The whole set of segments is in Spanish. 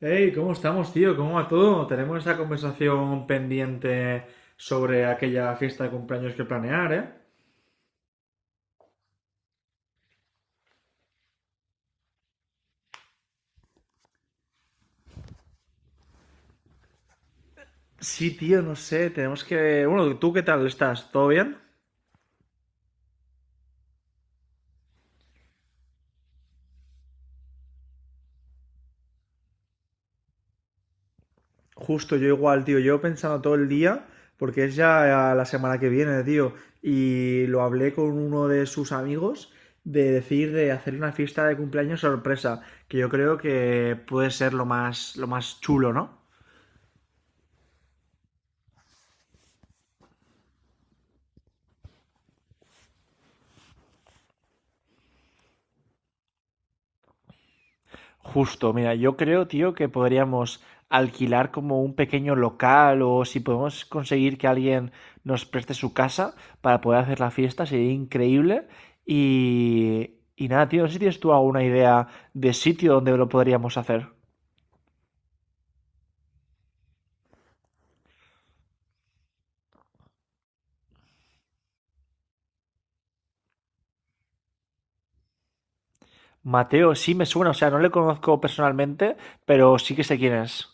Hey, ¿cómo estamos, tío? ¿Cómo va todo? Tenemos esa conversación pendiente sobre aquella fiesta de cumpleaños que planear, ¿eh? Sí, tío, no sé, tenemos que... Bueno, ¿tú qué tal estás? ¿Todo bien? Justo, yo igual, tío, yo pensando todo el día, porque es ya la semana que viene, tío, y lo hablé con uno de sus amigos de decir de hacer una fiesta de cumpleaños sorpresa, que yo creo que puede ser lo más chulo, ¿no? Justo, mira, yo creo, tío, que podríamos alquilar como un pequeño local o si podemos conseguir que alguien nos preste su casa para poder hacer la fiesta, sería increíble. Y nada, tío, no sé si tienes tú alguna idea de sitio donde lo podríamos hacer. Mateo, sí me suena, o sea, no le conozco personalmente, pero sí que sé quién es.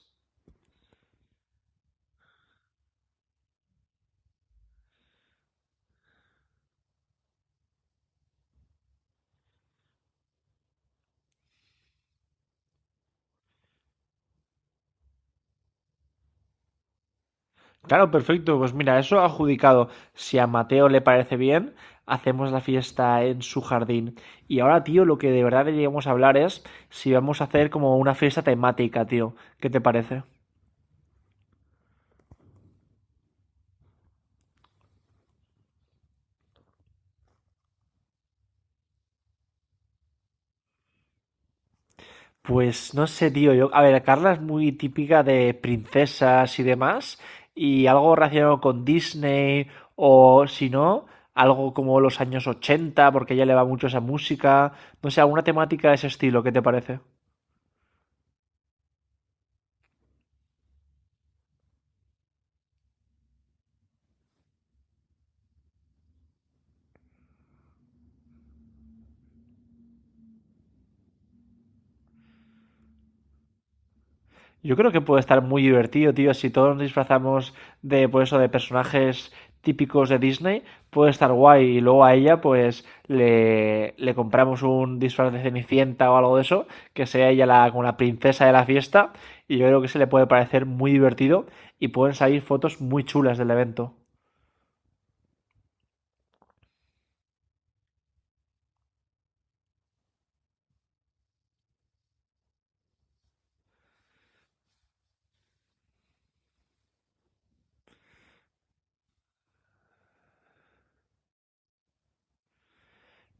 Claro, perfecto. Pues mira, eso adjudicado. Si a Mateo le parece bien, hacemos la fiesta en su jardín. Y ahora, tío, lo que de verdad deberíamos hablar es si vamos a hacer como una fiesta temática, tío. ¿Qué te parece? Pues no sé, tío. Yo, a ver, Carla es muy típica de princesas y demás. Y algo relacionado con Disney o si no, algo como los años 80, porque a ella le va mucho esa música. No sé, alguna temática de ese estilo, ¿qué te parece? Yo creo que puede estar muy divertido, tío. Si todos nos disfrazamos de, pues eso, de personajes típicos de Disney, puede estar guay. Y luego a ella, pues, le compramos un disfraz de Cenicienta o algo de eso, que sea ella la, como la princesa de la fiesta. Y yo creo que se le puede parecer muy divertido y pueden salir fotos muy chulas del evento.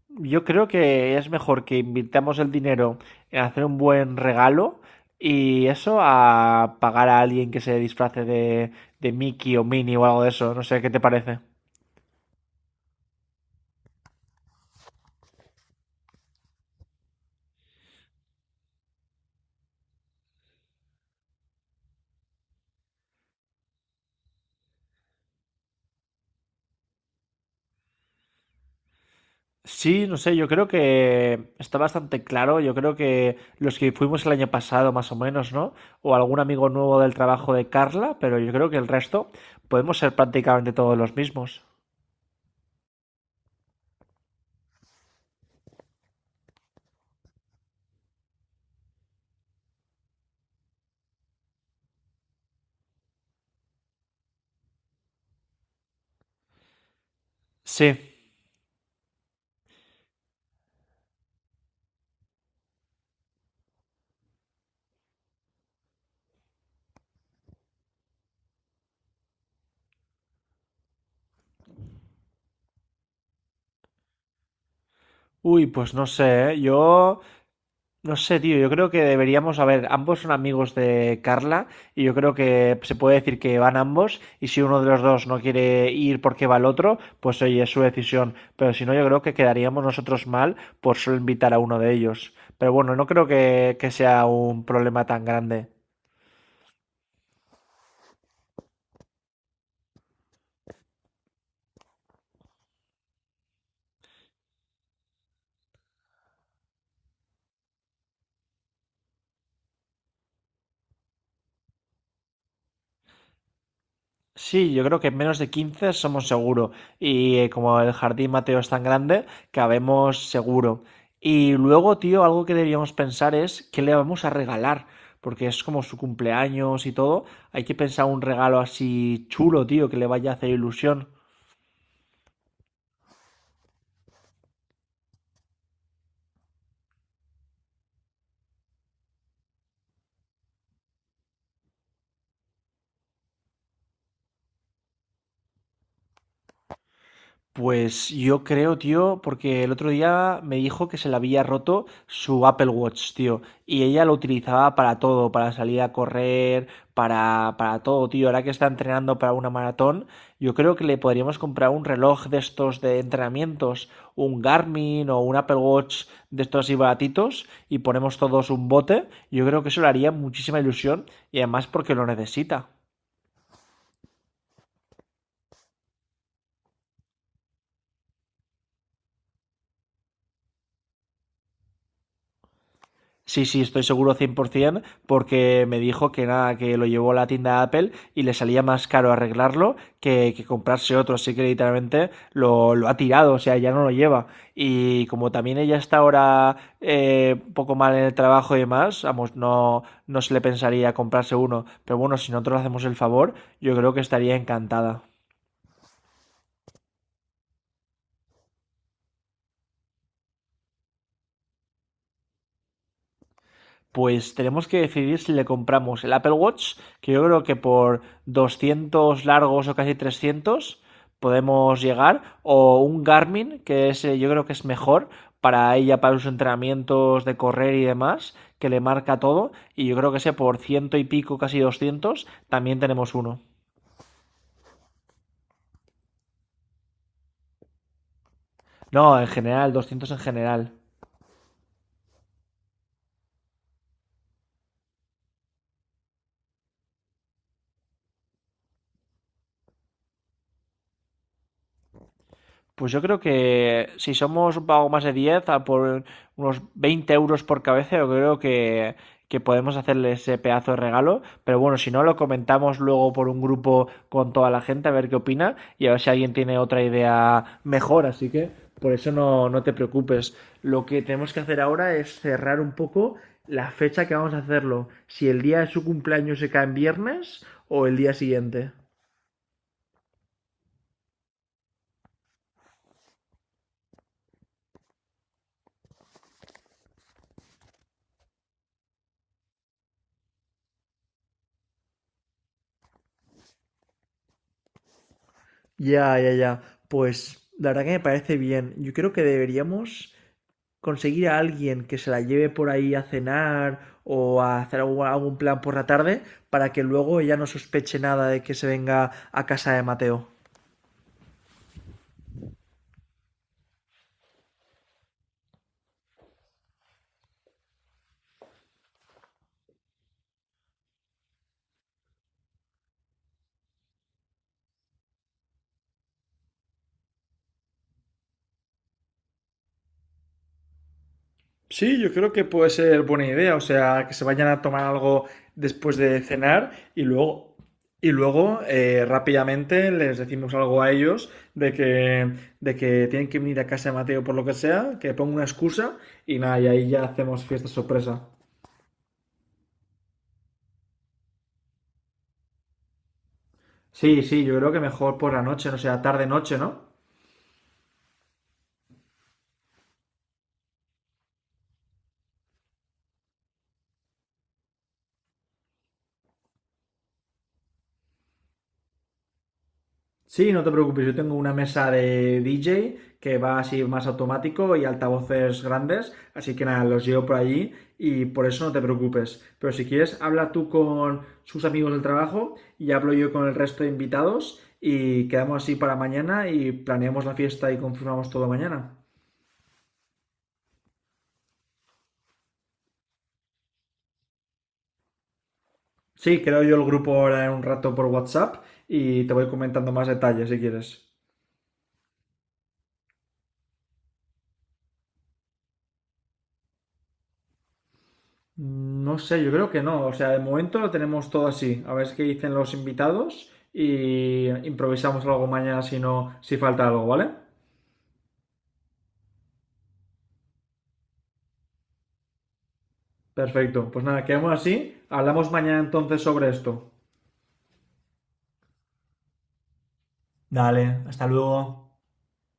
Yo creo que es mejor que invirtamos el dinero en hacer un buen regalo y eso a pagar a alguien que se disfrace de Mickey o Minnie o algo de eso. No sé, ¿qué te parece? Sí, no sé, yo creo que está bastante claro. Yo creo que los que fuimos el año pasado, más o menos, ¿no? O algún amigo nuevo del trabajo de Carla, pero yo creo que el resto podemos ser prácticamente todos los mismos. Sí. Uy, pues no sé, ¿eh? Yo no sé, tío, yo creo que deberíamos, a ver, ambos son amigos de Carla y yo creo que se puede decir que van ambos y si uno de los dos no quiere ir porque va el otro, pues oye, es su decisión, pero si no yo creo que quedaríamos nosotros mal por solo invitar a uno de ellos. Pero bueno, no creo que, sea un problema tan grande. Sí, yo creo que menos de 15 somos seguro. Y como el jardín Mateo es tan grande, cabemos seguro. Y luego, tío, algo que deberíamos pensar es qué le vamos a regalar. Porque es como su cumpleaños y todo. Hay que pensar un regalo así chulo, tío, que le vaya a hacer ilusión. Pues yo creo, tío, porque el otro día me dijo que se le había roto su Apple Watch, tío, y ella lo utilizaba para todo, para salir a correr, para todo, tío. Ahora que está entrenando para una maratón, yo creo que le podríamos comprar un reloj de estos de entrenamientos, un Garmin o un Apple Watch de estos así baratitos, y ponemos todos un bote. Yo creo que eso le haría muchísima ilusión y además porque lo necesita. Sí, sí, estoy seguro 100% porque me dijo que nada, que lo llevó a la tienda Apple y le salía más caro arreglarlo que comprarse otro, así que literalmente lo ha tirado, o sea, ya no lo lleva. Y como también ella está ahora un poco mal en el trabajo y demás, vamos, no se le pensaría comprarse uno, pero bueno, si nosotros le hacemos el favor, yo creo que estaría encantada. Pues tenemos que decidir si le compramos el Apple Watch, que yo creo que por 200 largos o casi 300 podemos llegar, o un Garmin, que es, yo creo que es mejor para ella, para sus entrenamientos de correr y demás, que le marca todo, y yo creo que ese por ciento y pico, casi 200 también tenemos uno. No, en general, 200 en general. Pues yo creo que si somos un pago más de 10 a por unos 20 euros por cabeza, yo creo que podemos hacerle ese pedazo de regalo. Pero bueno, si no, lo comentamos luego por un grupo con toda la gente, a ver qué opina y a ver si alguien tiene otra idea mejor. Así que por eso no te preocupes. Lo que tenemos que hacer ahora es cerrar un poco la fecha que vamos a hacerlo. Si el día de su cumpleaños se cae en viernes o el día siguiente. Ya, ya, ya. Pues la verdad que me parece bien. Yo creo que deberíamos conseguir a alguien que se la lleve por ahí a cenar o a hacer algún plan por la tarde para que luego ella no sospeche nada de que se venga a casa de Mateo. Sí, yo creo que puede ser buena idea, o sea, que se vayan a tomar algo después de cenar y luego rápidamente les decimos algo a ellos de que, de que tienen que venir a casa de Mateo por lo que sea, que ponga una excusa y nada, y ahí ya hacemos fiesta sorpresa. Sí, sí, yo creo que mejor por la noche, no sea tarde-noche, ¿no? Sí, no te preocupes, yo tengo una mesa de DJ que va así más automático y altavoces grandes, así que nada, los llevo por allí y por eso no te preocupes. Pero si quieres, habla tú con sus amigos del trabajo y hablo yo con el resto de invitados y quedamos así para mañana y planeamos la fiesta y confirmamos todo mañana. Sí, creo yo el grupo ahora en un rato por WhatsApp y te voy comentando más detalles si quieres. Mm, no sé, yo creo que no. O sea, de momento lo tenemos todo así. A ver qué dicen los invitados y improvisamos algo mañana si no, si falta algo, ¿vale? Perfecto. Pues nada, quedamos así. Hablamos mañana entonces sobre esto. Dale, hasta luego.